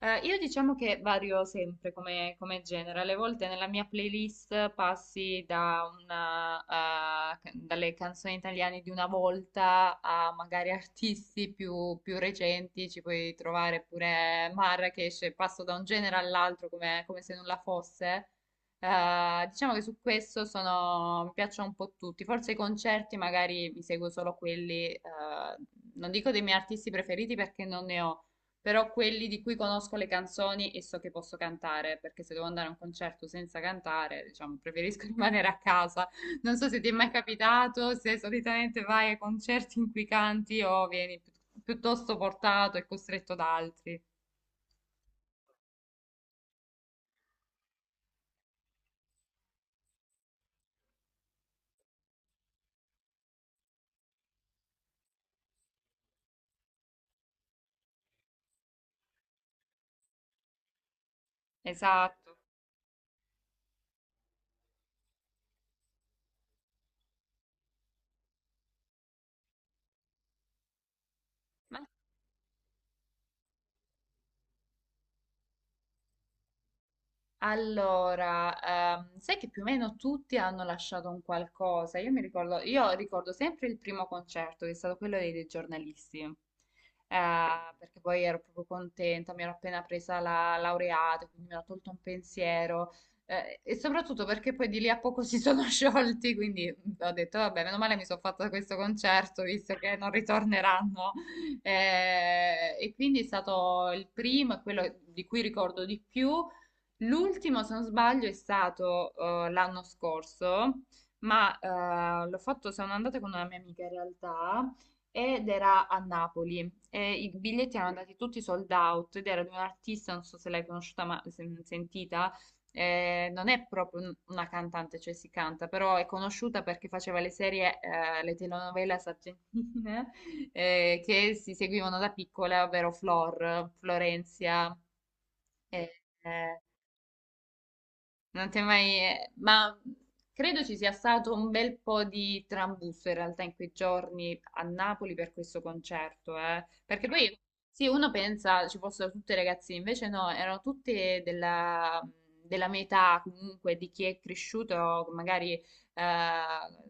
Io diciamo che vario sempre come genere, alle volte nella mia playlist passi da una, dalle canzoni italiane di una volta a magari artisti più recenti, ci puoi trovare pure Marrakesh, passo da un genere all'altro come se nulla fosse. Diciamo che su questo sono, mi piacciono un po' tutti, forse i concerti magari mi seguo solo quelli, non dico dei miei artisti preferiti perché non ne ho, però quelli di cui conosco le canzoni e so che posso cantare, perché se devo andare a un concerto senza cantare, diciamo, preferisco rimanere a casa. Non so se ti è mai capitato, se solitamente vai a concerti in cui canti o vieni piuttosto portato e costretto da altri. Esatto. Allora, sai che più o meno tutti hanno lasciato un qualcosa. Io ricordo sempre il primo concerto, che è stato quello dei giornalisti. Perché poi ero proprio contenta, mi ero appena presa la laureata, quindi mi ero tolto un pensiero, e soprattutto perché poi di lì a poco si sono sciolti, quindi ho detto, vabbè, meno male mi sono fatta questo concerto, visto che non ritorneranno. E quindi è stato il primo, e quello di cui ricordo di più. L'ultimo, se non sbaglio, è stato l'anno scorso, ma l'ho fatto, sono andata con una mia amica in realtà, ed era a Napoli. E i biglietti erano andati tutti sold out ed era di un'artista, non so se l'hai conosciuta, ma sentita. Non è proprio una cantante, cioè si canta, però è conosciuta perché faceva le serie, le telenovelas argentine che si seguivano da piccola, ovvero Flor, Florencia. eh, eh, Non ti è mai... Ma credo ci sia stato un bel po' di trambusto in realtà in quei giorni a Napoli per questo concerto, Perché poi, sì, uno pensa ci fossero tutte ragazzine, invece no, erano tutte della mia età comunque, di chi è cresciuto magari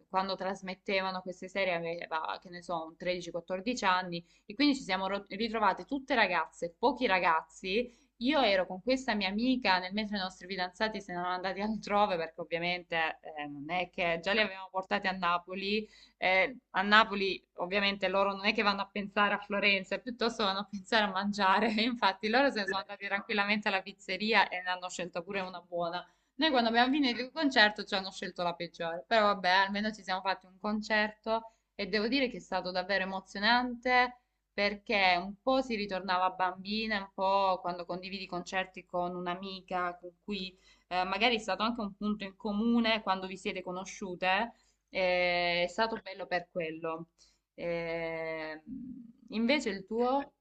quando trasmettevano queste serie, aveva, che ne so, un 13-14 anni, e quindi ci siamo ritrovate tutte ragazze, pochi ragazzi. Io ero con questa mia amica nel mentre i nostri fidanzati se ne erano andati altrove, perché ovviamente non è che già li avevamo portati a Napoli ovviamente loro non è che vanno a pensare a Florenza, piuttosto vanno a pensare a mangiare, infatti loro se ne sono andati tranquillamente alla pizzeria e ne hanno scelta pure una buona. Noi quando abbiamo finito il concerto ci hanno scelto la peggiore, però vabbè, almeno ci siamo fatti un concerto e devo dire che è stato davvero emozionante, perché un po' si ritornava bambina, un po' quando condividi concerti con un'amica con cui magari è stato anche un punto in comune quando vi siete conosciute, è stato bello per quello. Eh, Invece il tuo...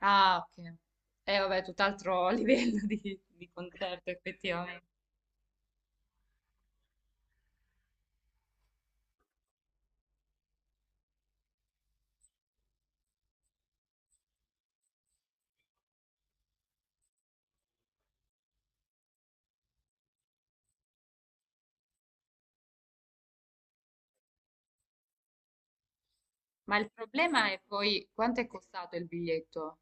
Ah, ok. Vabbè, tutt'altro livello di concerto effettivamente. Ma il problema è poi quanto è costato il biglietto?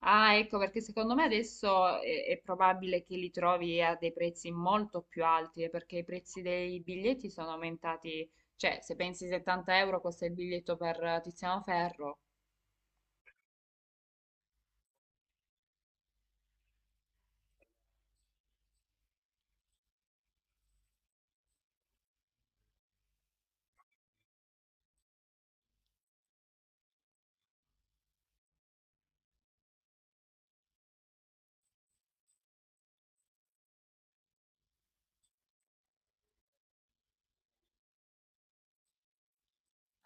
Ah, ecco, perché secondo me adesso è probabile che li trovi a dei prezzi molto più alti, perché i prezzi dei biglietti sono aumentati, cioè se pensi 70 euro costa il biglietto per Tiziano Ferro.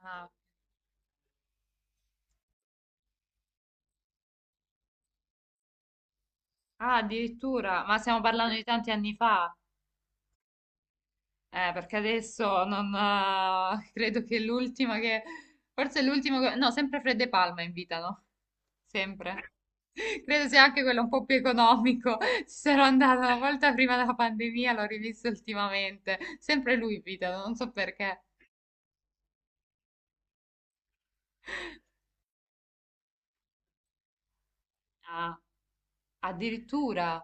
Ah, ah, addirittura, ma stiamo parlando, sì, di tanti anni fa. Perché adesso non, credo che l'ultima che, forse l'ultimo, no, sempre Fred De Palma invitano, sempre. Credo sia anche quello un po' più economico. Ci sarò andata una volta prima della pandemia, l'ho rivisto ultimamente. Sempre lui invitano, non so perché. Ah, addirittura.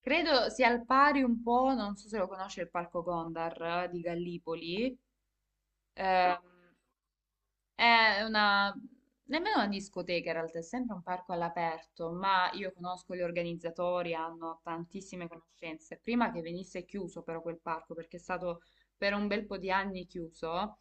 Credo sia al pari un po', non so se lo conosce il Parco Gondar di Gallipoli. Ehm, È una, nemmeno una discoteca in realtà, è sempre un parco all'aperto, ma io conosco gli organizzatori, hanno tantissime conoscenze. Prima che venisse chiuso però quel parco, perché è stato per un bel po' di anni chiuso,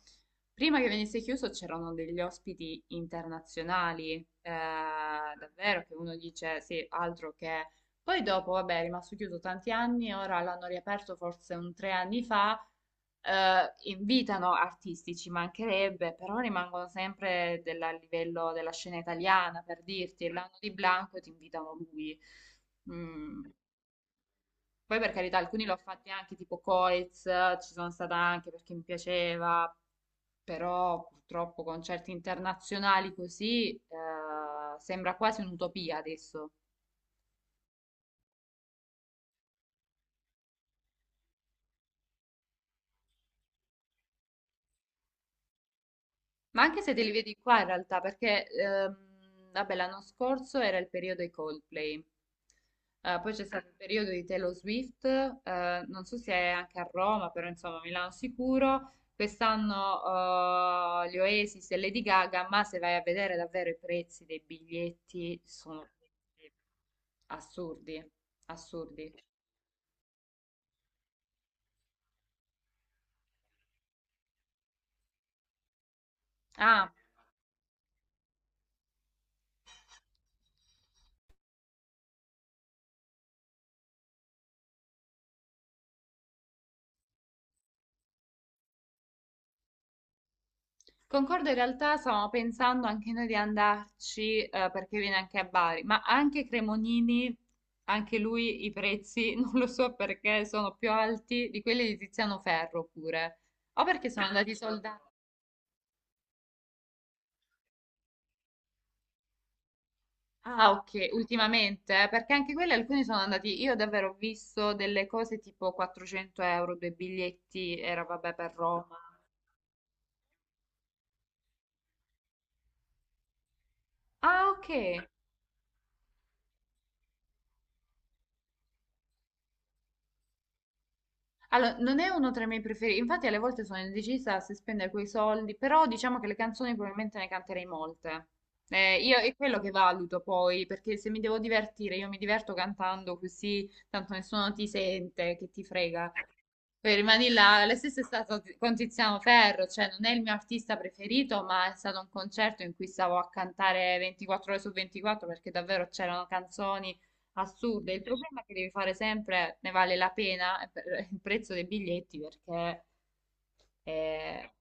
prima che venisse chiuso c'erano degli ospiti internazionali, eh, davvero, che uno dice sì, altro che... Poi dopo, vabbè, è rimasto chiuso tanti anni, ora l'hanno riaperto forse un 3 anni fa, invitano artisti, ci mancherebbe, però rimangono sempre a livello della scena italiana, per dirti, l'anno di Blanco ti invitano lui. Mm. Poi per carità, alcuni l'ho fatti anche tipo Coiz, ci sono stata anche perché mi piaceva, però purtroppo concerti internazionali così sembra quasi un'utopia adesso. Ma anche se te li vedi qua in realtà, perché vabbè, l'anno scorso era il periodo dei Coldplay. Poi c'è stato il periodo di Taylor Swift, non so se è anche a Roma, però insomma a Milano sicuro. Quest'anno gli Oasis e Lady Gaga, ma se vai a vedere davvero i prezzi dei biglietti sono assurdi, assurdi. Ah, concordo, in realtà stavamo pensando anche noi di andarci, perché viene anche a Bari, ma anche Cremonini, anche lui i prezzi, non lo so perché, sono più alti di quelli di Tiziano Ferro pure. O perché sono andati soldati. Ah, ok, ultimamente, perché anche quelli alcuni sono andati, io davvero ho visto delle cose tipo 400 euro, due biglietti, era vabbè per Roma. Ah, ok. Allora, non è uno tra i miei preferiti, infatti alle volte sono indecisa se spendere quei soldi, però diciamo che le canzoni probabilmente ne canterei molte. Io è quello che valuto poi, perché se mi devo divertire, io mi diverto cantando così, tanto nessuno ti sente, che ti frega. Poi rimani là, la stessa è stato con Tiziano Ferro, cioè non è il mio artista preferito, ma è stato un concerto in cui stavo a cantare 24 ore su 24 perché davvero c'erano canzoni. Assurdo, il problema è che devi fare sempre, ne vale la pena per il prezzo dei biglietti perché eh,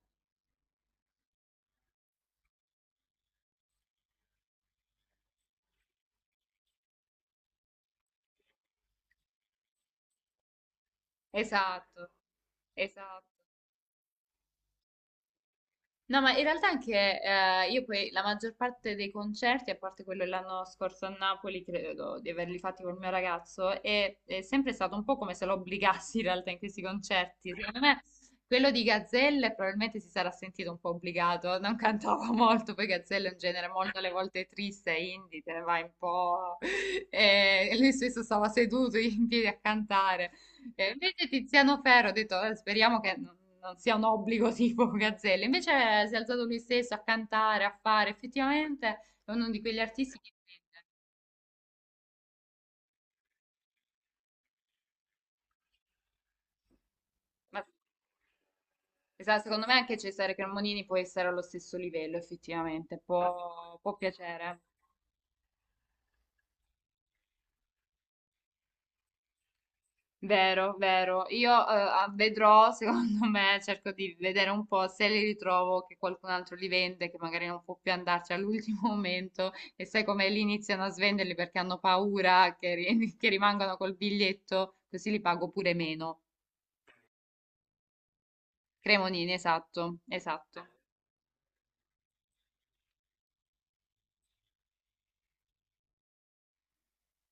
esatto, esatto. No, ma in realtà anche io poi la maggior parte dei concerti, a parte quello dell'anno scorso a Napoli, credo di averli fatti col mio ragazzo, è sempre stato un po' come se lo obbligassi in realtà in questi concerti. Secondo me quello di Gazzelle probabilmente si sarà sentito un po' obbligato, non cantava molto, poi Gazzelle è un genere molto alle volte triste, indie, te ne vai un po'. E lui stesso stava seduto in piedi a cantare. E invece Tiziano Ferro, ho detto, speriamo che non sia un obbligo tipo Gazzelle". Invece si è alzato lui stesso a cantare, a fare. Effettivamente è uno di quegli artisti che... prende. Ma, esatto, secondo me anche Cesare Cremonini può essere allo stesso livello, effettivamente. Può piacere. Vero, vero. Io vedrò, secondo me, cerco di vedere un po' se li ritrovo, che qualcun altro li vende, che magari non può più andarci all'ultimo momento, e sai come lì iniziano a svenderli perché hanno paura che, che rimangano col biglietto, così li pago pure meno. Cremonini, esatto, esatto.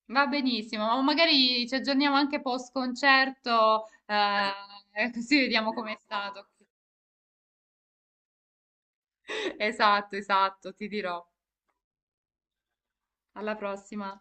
Va benissimo, ma magari ci aggiorniamo anche post concerto, così vediamo com'è stato. Esatto, esatto, ti dirò. Alla prossima.